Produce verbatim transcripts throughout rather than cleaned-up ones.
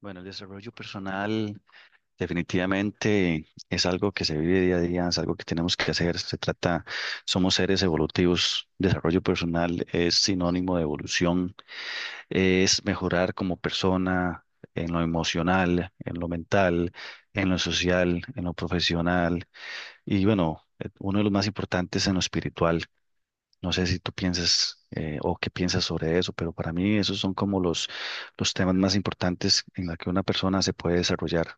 Bueno, el desarrollo personal definitivamente es algo que se vive día a día, es algo que tenemos que hacer. Se trata, somos seres evolutivos. Desarrollo personal es sinónimo de evolución, es mejorar como persona en lo emocional, en lo mental, en lo social, en lo profesional y bueno, eh, uno de los más importantes en lo espiritual. No sé si tú piensas eh, o qué piensas sobre eso, pero para mí esos son como los, los temas más importantes en la que una persona se puede desarrollar.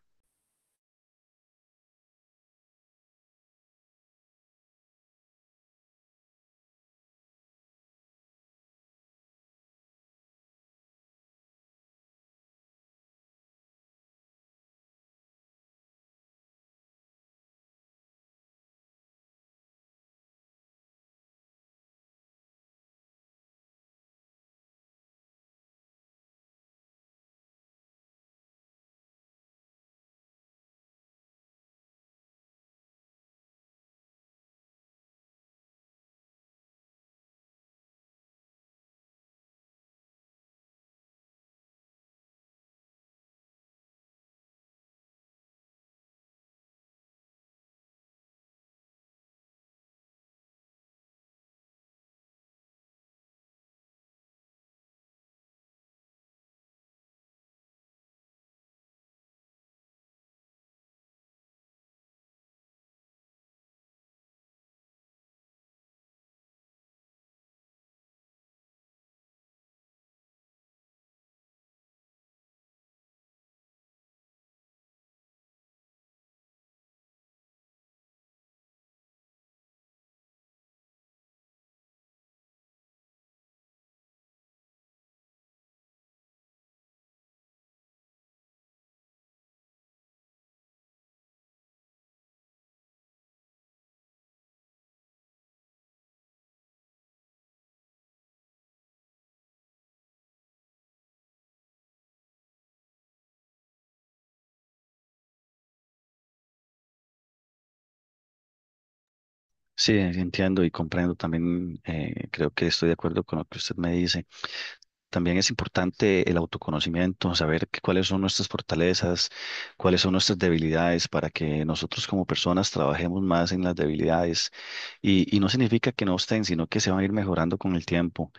Sí, entiendo y comprendo también, eh, creo que estoy de acuerdo con lo que usted me dice. También es importante el autoconocimiento, saber que- cuáles son nuestras fortalezas, cuáles son nuestras debilidades, para que nosotros como personas trabajemos más en las debilidades. Y, y no significa que no estén, sino que se van a ir mejorando con el tiempo.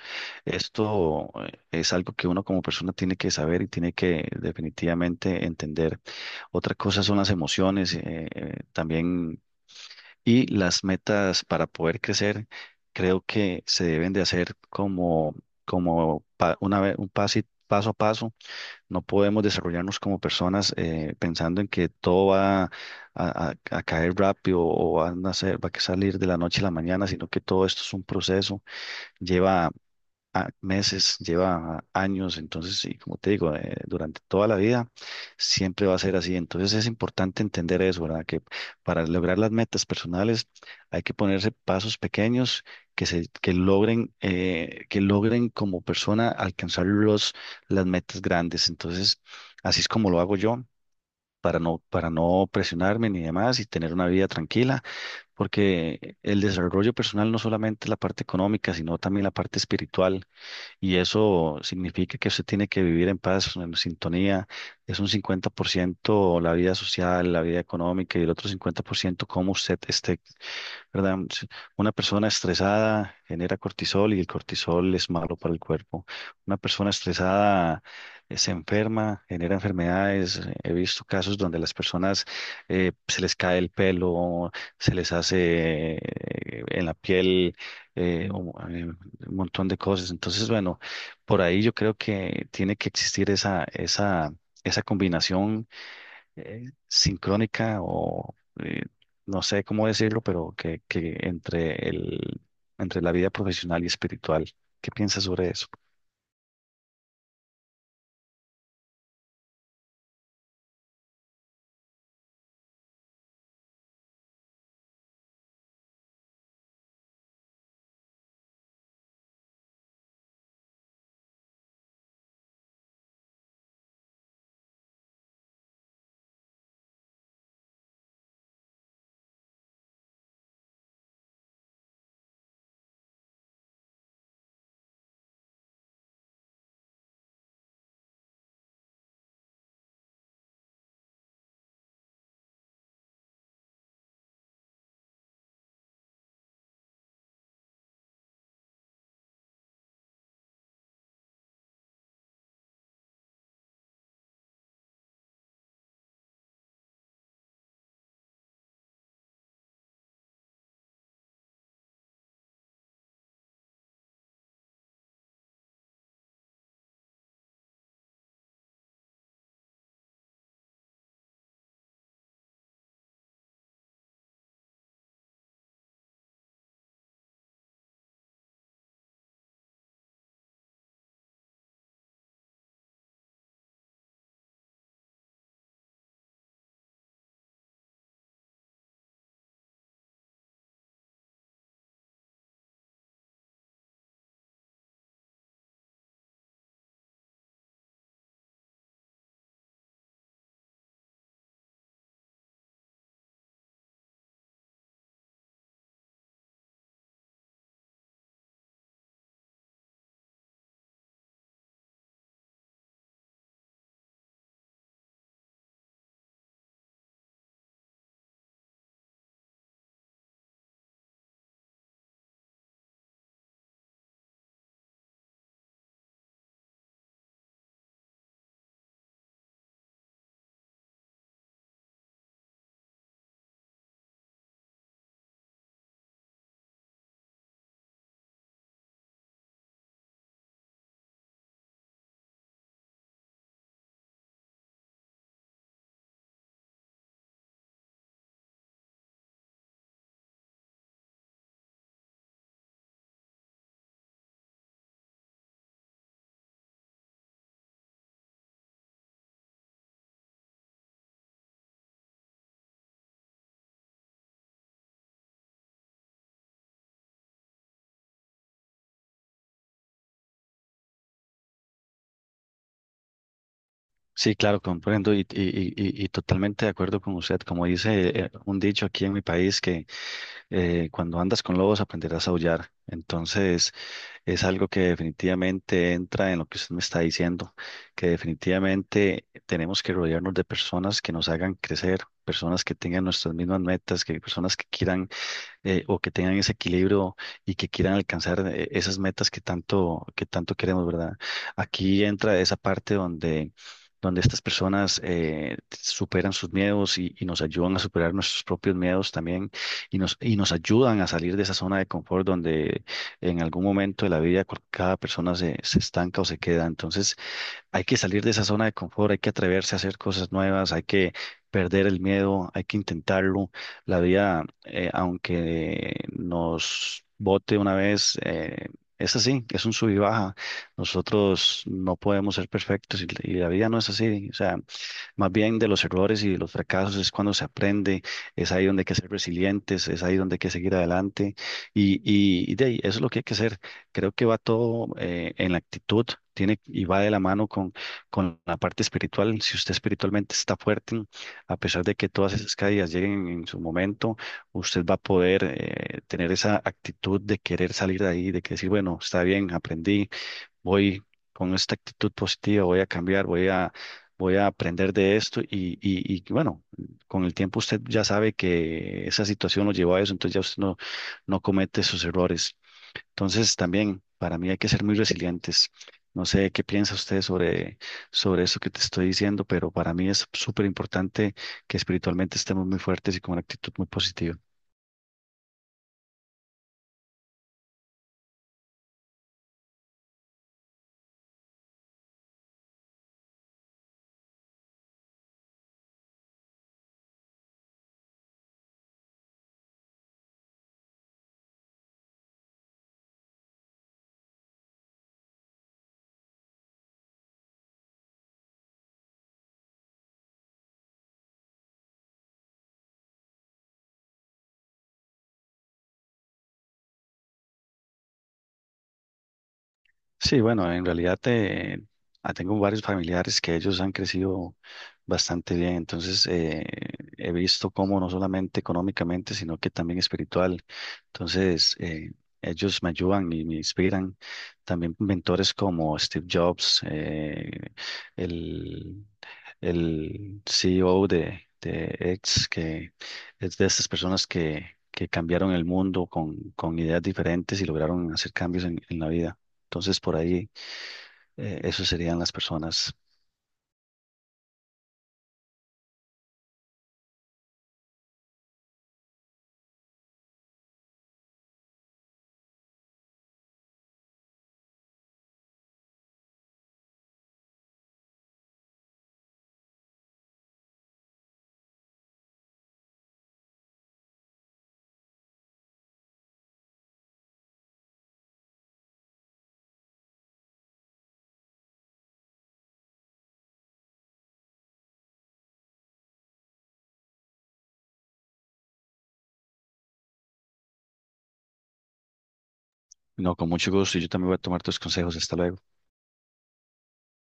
Esto eh, es algo que uno como persona tiene que saber y tiene que definitivamente entender. Otra cosa son las emociones. eh, eh, también y las metas para poder crecer, creo que se deben de hacer como, como pa- una vez, un pasi- paso a paso. No podemos desarrollarnos como personas eh, pensando en que todo va a, a- a caer rápido o van a ser- va a salir de la noche a la mañana, sino que todo esto es un proceso, lleva a- meses, lleva años, entonces sí, como te digo, eh, durante toda la vida siempre va a ser así. Entonces es importante entender eso, ¿verdad? Que para lograr las metas personales hay que ponerse pasos pequeños que se, que logren, eh, que logren como persona alcanzar los, las metas grandes. Entonces, así es como lo hago yo. Para no, para no presionarme ni demás y tener una vida tranquila, porque el desarrollo personal no solamente es la parte económica, sino también la parte espiritual y eso significa que usted tiene que vivir en paz, en sintonía. Es un cincuenta por ciento la vida social, la vida económica y el otro cincuenta por ciento cómo usted esté. ¿Verdad? Si una persona estresada genera cortisol y el cortisol es malo para el cuerpo. Una persona estresada eh, se enferma, genera enfermedades. He visto casos donde las personas eh, se les cae el pelo, se les hace eh, en la piel eh, un, eh, un montón de cosas. Entonces, bueno, por ahí yo creo que tiene que existir esa, esa, esa combinación eh, sincrónica o eh, no sé cómo decirlo, pero que, que entre el, entre la vida profesional y espiritual. ¿Qué piensas sobre eso? Sí, claro, comprendo y, y- y- y- y totalmente de acuerdo con usted. Como dice eh, un dicho aquí en mi país, que eh, cuando andas con lobos aprenderás a aullar. Entonces, es algo que definitivamente entra en lo que usted me está diciendo, que definitivamente tenemos que rodearnos de personas que nos hagan crecer, personas que tengan nuestras mismas metas, que personas que quieran eh, o que tengan ese equilibrio y que quieran alcanzar eh, esas metas que tanto, que tanto queremos, ¿verdad? Aquí entra esa parte donde, donde estas personas eh, superan sus miedos y, y nos ayudan a superar nuestros propios miedos también y nos, y nos ayudan a salir de esa zona de confort donde en algún momento de la vida cu- cada persona se, se estanca o se queda. Entonces, hay que salir de esa zona de confort, hay que atreverse a hacer cosas nuevas, hay que perder el miedo, hay que intentarlo. La vida, eh, aunque nos bote una vez, eh, es así, es un sub y baja. Nosotros no podemos ser perfectos y, y la vida no es así. O sea, más bien de los errores y de los fracasos es cuando se aprende, es ahí donde hay que ser resilientes, es ahí donde hay que seguir adelante y, y, y de ahí, eso es lo que hay que hacer. Creo que va todo eh, en la actitud, tiene y va de la mano con, con la parte espiritual. Si usted espiritualmente está fuerte, a pesar de que todas esas caídas lleguen en su momento, usted va a poder eh, tener esa actitud de querer salir de ahí, de que decir, bueno, está bien, aprendí, voy con esta actitud positiva, voy a cambiar, voy a, voy a aprender de esto y, y, y bueno, con el tiempo usted ya sabe que esa situación lo llevó a eso, entonces ya usted no, no comete esos errores. Entonces, también para mí hay que ser muy resilientes. No sé qué piensa usted sobre, sobre eso que te estoy diciendo, pero para mí es súper importante que espiritualmente estemos muy fuertes y con una actitud muy positiva. Sí, bueno, en realidad eh, ah, tengo varios familiares que ellos han crecido bastante bien, entonces eh, he visto cómo no solamente económicamente, sino que también espiritual. Entonces, eh, ellos me ayudan y me inspiran. También mentores como Steve Jobs, eh, el, el C E O de, de X, que es de estas personas que, que cambiaron el mundo con, con ideas diferentes y lograron hacer cambios en en la vida. Entonces, por ahí, eh, eso serían las personas. No, con mucho gusto y yo también voy a tomar tus consejos. Hasta luego.